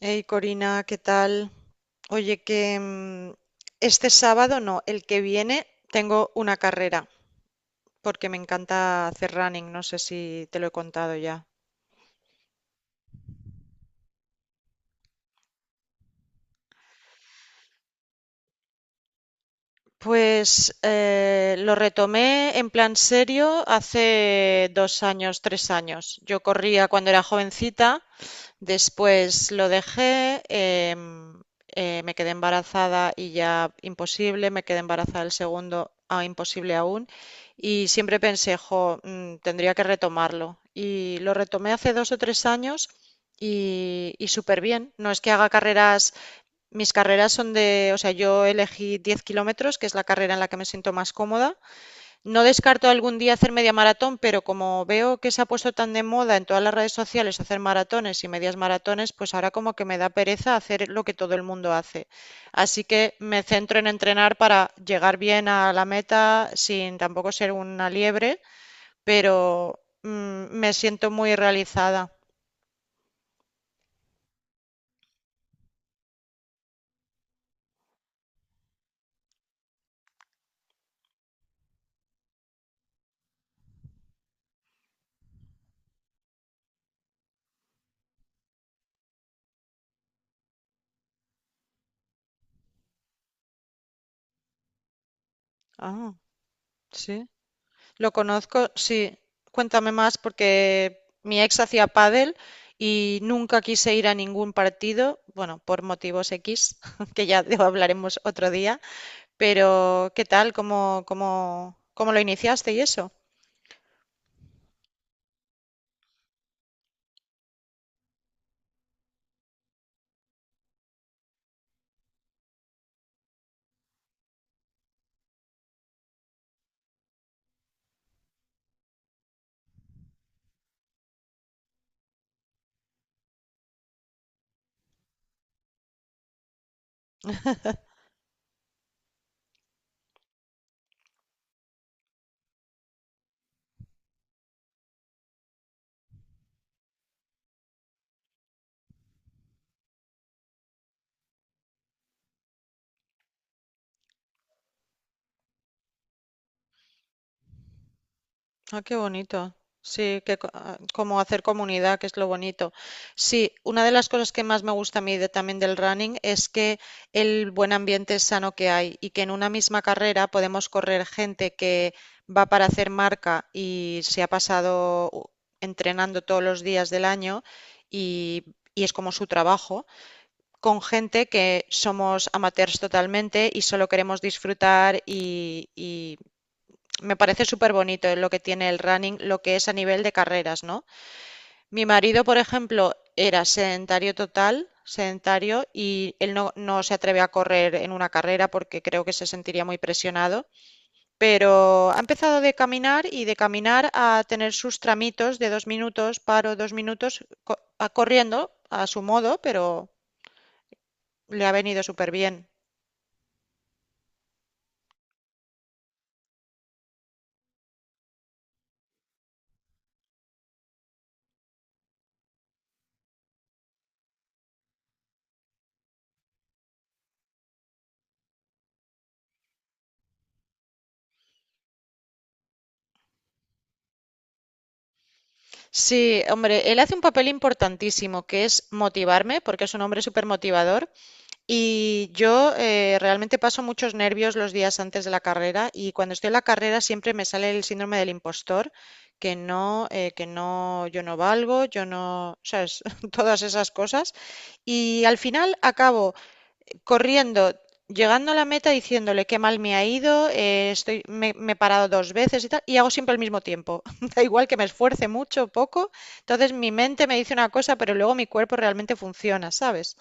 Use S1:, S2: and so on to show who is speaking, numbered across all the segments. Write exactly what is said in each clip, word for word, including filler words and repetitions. S1: Hey Corina, ¿qué tal? Oye, que mm, este sábado no, el que viene tengo una carrera porque me encanta hacer running, no sé si te lo he contado ya. Pues eh, lo retomé en plan serio hace dos años, tres años. Yo corría cuando era jovencita. Después lo dejé, em, eh, me quedé embarazada y ya imposible, me quedé embarazada el segundo, ah, imposible aún, y siempre pensé, jo, mm, tendría que retomarlo. Y lo retomé hace dos o tres años y, y súper bien. No es que haga carreras, mis carreras son de, o sea, yo elegí diez kilómetros, que es la carrera en la que me siento más cómoda, no descarto algún día hacer media maratón, pero como veo que se ha puesto tan de moda en todas las redes sociales hacer maratones y medias maratones, pues ahora como que me da pereza hacer lo que todo el mundo hace. Así que me centro en entrenar para llegar bien a la meta sin tampoco ser una liebre, pero mm, me siento muy realizada. Ah, sí. Lo conozco, sí. Cuéntame más porque mi ex hacía pádel y nunca quise ir a ningún partido, bueno, por motivos X, que ya de- hablaremos otro día, pero ¿qué tal? ¿Cómo, cómo, cómo lo iniciaste y eso? Ah, qué bonito. Sí, que co- ah, como hacer comunidad, que es lo bonito. Sí, una de las cosas que más me gusta a mí de- también del running es que el buen ambiente sano que hay y que en una misma carrera podemos correr gente que va para hacer marca y se ha pasado u- entrenando todos los días del año y, y es como su trabajo, con gente que somos amateurs totalmente y solo queremos disfrutar y, y me parece súper bonito lo que tiene el running, lo que es a nivel de carreras, ¿no? Mi marido, por ejemplo, era sedentario total, sedentario, y él no, no se atreve a correr en una carrera porque creo que se sentiría muy presionado, pero ha empezado de caminar y de caminar a tener sus tramitos de dos minutos, paro dos minutos, co- a corriendo a su modo, pero le ha venido súper bien. Sí, hombre, él hace un papel importantísimo, que es motivarme, porque es un hombre súper motivador. Y yo eh, realmente paso muchos nervios los días antes de la carrera y cuando estoy en la carrera siempre me sale el síndrome del impostor, que no, eh, que no, yo no valgo, yo no, sabes, todas esas cosas. Y al final acabo corriendo, llegando a la meta diciéndole qué mal me ha ido, eh, estoy, me, me he parado dos veces y tal, y hago siempre el mismo tiempo. Da igual que me esfuerce mucho o poco, entonces mi mente me dice una cosa, pero luego mi cuerpo realmente funciona, ¿sabes?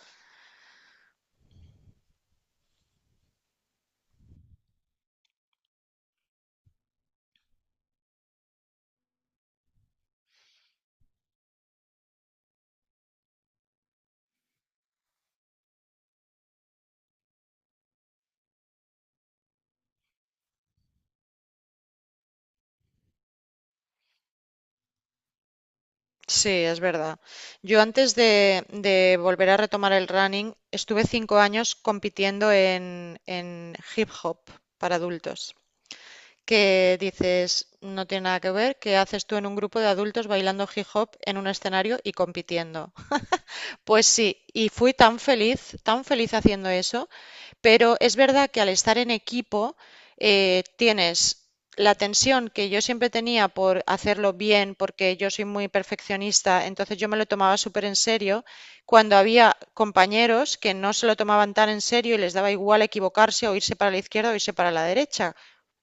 S1: Sí, es verdad. Yo antes de, de volver a retomar el running, estuve cinco años compitiendo en, en hip hop para adultos, que dices, no tiene nada que ver, que haces tú en un grupo de adultos bailando hip hop en un escenario y compitiendo. Pues sí, y fui tan feliz, tan feliz haciendo eso. Pero es verdad que al estar en equipo eh, tienes la tensión que yo siempre tenía por hacerlo bien, porque yo soy muy perfeccionista, entonces yo me lo tomaba súper en serio, cuando había compañeros que no se lo tomaban tan en serio y les daba igual equivocarse o irse para la izquierda o irse para la derecha.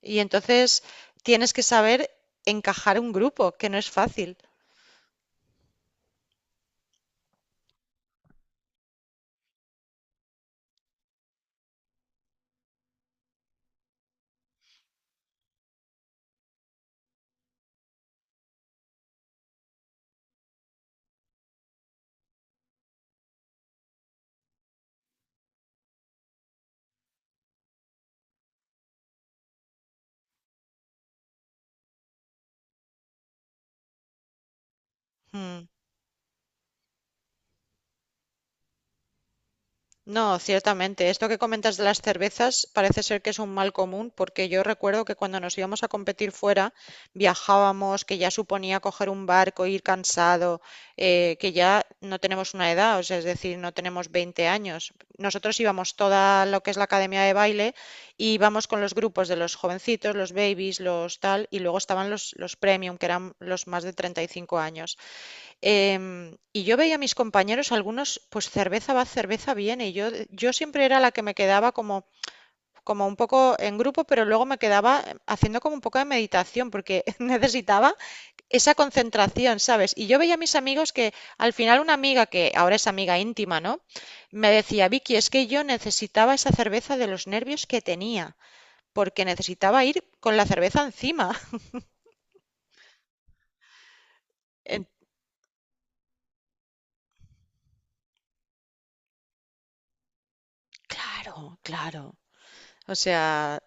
S1: Y entonces tienes que saber encajar un grupo, que no es fácil. Mm. No, ciertamente. Esto que comentas de las cervezas parece ser que es un mal común, porque yo recuerdo que cuando nos íbamos a competir fuera, viajábamos, que ya suponía coger un barco, ir cansado, eh, que ya no tenemos una edad, o sea, es decir, no tenemos veinte años. Nosotros íbamos toda lo que es la academia de baile y íbamos con los grupos de los jovencitos, los babies, los tal, y luego estaban los, los premium, que eran los más de treinta y cinco años. Em, y yo veía a mis compañeros, algunos, pues cerveza va, cerveza viene. Y yo, yo siempre era la que me quedaba como, como un poco en grupo, pero luego me quedaba eh, haciendo como un poco de meditación, porque necesitaba esa concentración, ¿sabes? Y yo veía a mis amigos que al final una amiga, que ahora es amiga íntima, ¿no? Me decía, Vicky, es que yo necesitaba esa cerveza de los nervios que tenía, porque necesitaba ir con la cerveza encima. En- Claro, claro. O sea,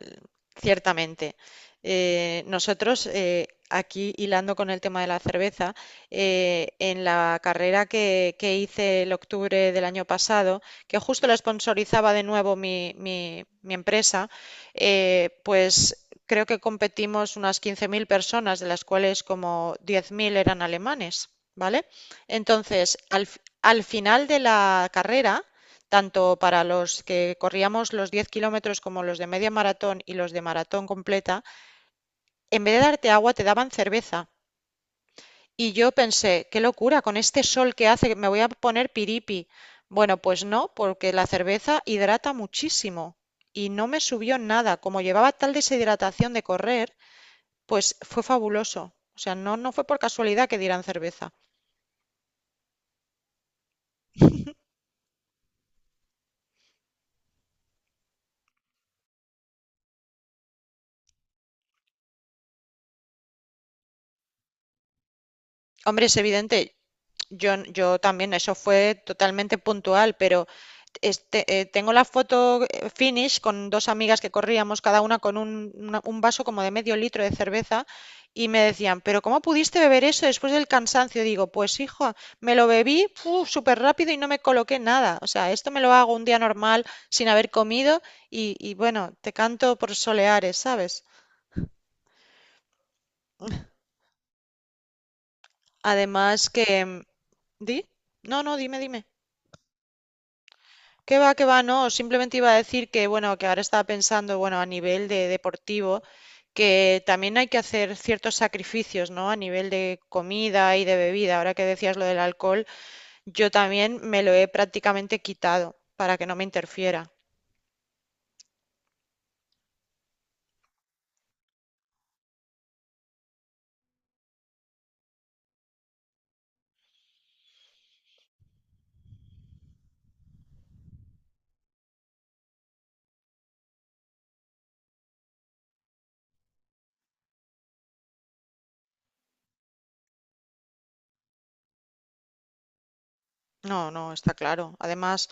S1: ciertamente. Eh, nosotros, eh, aquí hilando con el tema de la cerveza, eh, en la carrera que, que hice el octubre del año pasado, que justo la sponsorizaba de nuevo mi, mi- mi empresa, eh, pues creo que competimos unas quince mil personas, de las cuales como diez mil eran alemanes, ¿vale? Entonces, al, fi- al final de la carrera, tanto para los que corríamos los diez kilómetros como los de media maratón y los de maratón completa, en vez de darte agua te daban cerveza. Y yo pensé, qué locura, con este sol que hace, me voy a poner piripi. Bueno, pues no, porque la cerveza hidrata muchísimo y no me subió nada. Como llevaba tal deshidratación de correr, pues fue fabuloso. O sea, no, no fue por casualidad que dieran cerveza. Hombre, es evidente, yo, yo también, eso fue totalmente puntual, pero este, eh, tengo la foto eh, finish con dos amigas que corríamos, cada una con un, una- un vaso como de medio litro de cerveza, y me decían, pero ¿cómo pudiste beber eso después del cansancio? Digo, pues hijo, me lo bebí fu, súper rápido y no me coloqué nada. O sea, esto me lo hago un día normal sin haber comido y, y bueno, te canto por soleares, ¿sabes? Además que... mm, ¿Di? No, no, dime, dime. Que va, que va, no. Simplemente iba a decir que, bueno, que ahora estaba pensando, bueno, a nivel de deportivo, que también hay que hacer ciertos sacrificios, ¿no? A nivel de comida y de bebida. Ahora que decías lo del alcohol, yo también me lo he prácticamente quitado para que no me interfiera. No, no, está claro. Además,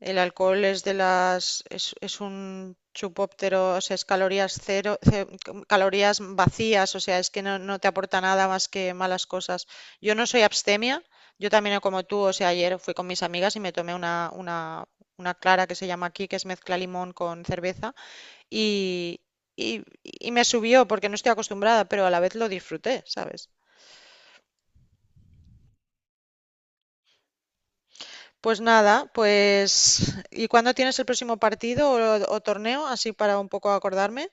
S1: el alcohol es de las es, es un chupóptero, o sea, es calorías cero, ce- calorías vacías, o sea, es que no, no te aporta nada más que malas cosas. Yo no soy abstemia, yo también no como tú, o sea, ayer fui con mis amigas y me tomé una, una, una clara que se llama aquí, que es mezcla limón con cerveza, y, y, y me subió porque no estoy acostumbrada, pero a la vez lo disfruté, ¿sabes? Pues nada, pues ¿y cuándo tienes el próximo partido o, o torneo? Así para un poco acordarme.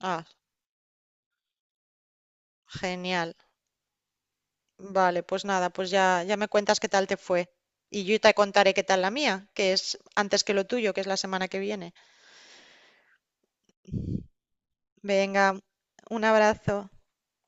S1: Ah, genial. Vale, pues nada, pues ya, ya me cuentas qué tal te fue. Y yo te contaré qué tal la mía, que es antes que lo tuyo, que es la semana que viene. Venga, un abrazo.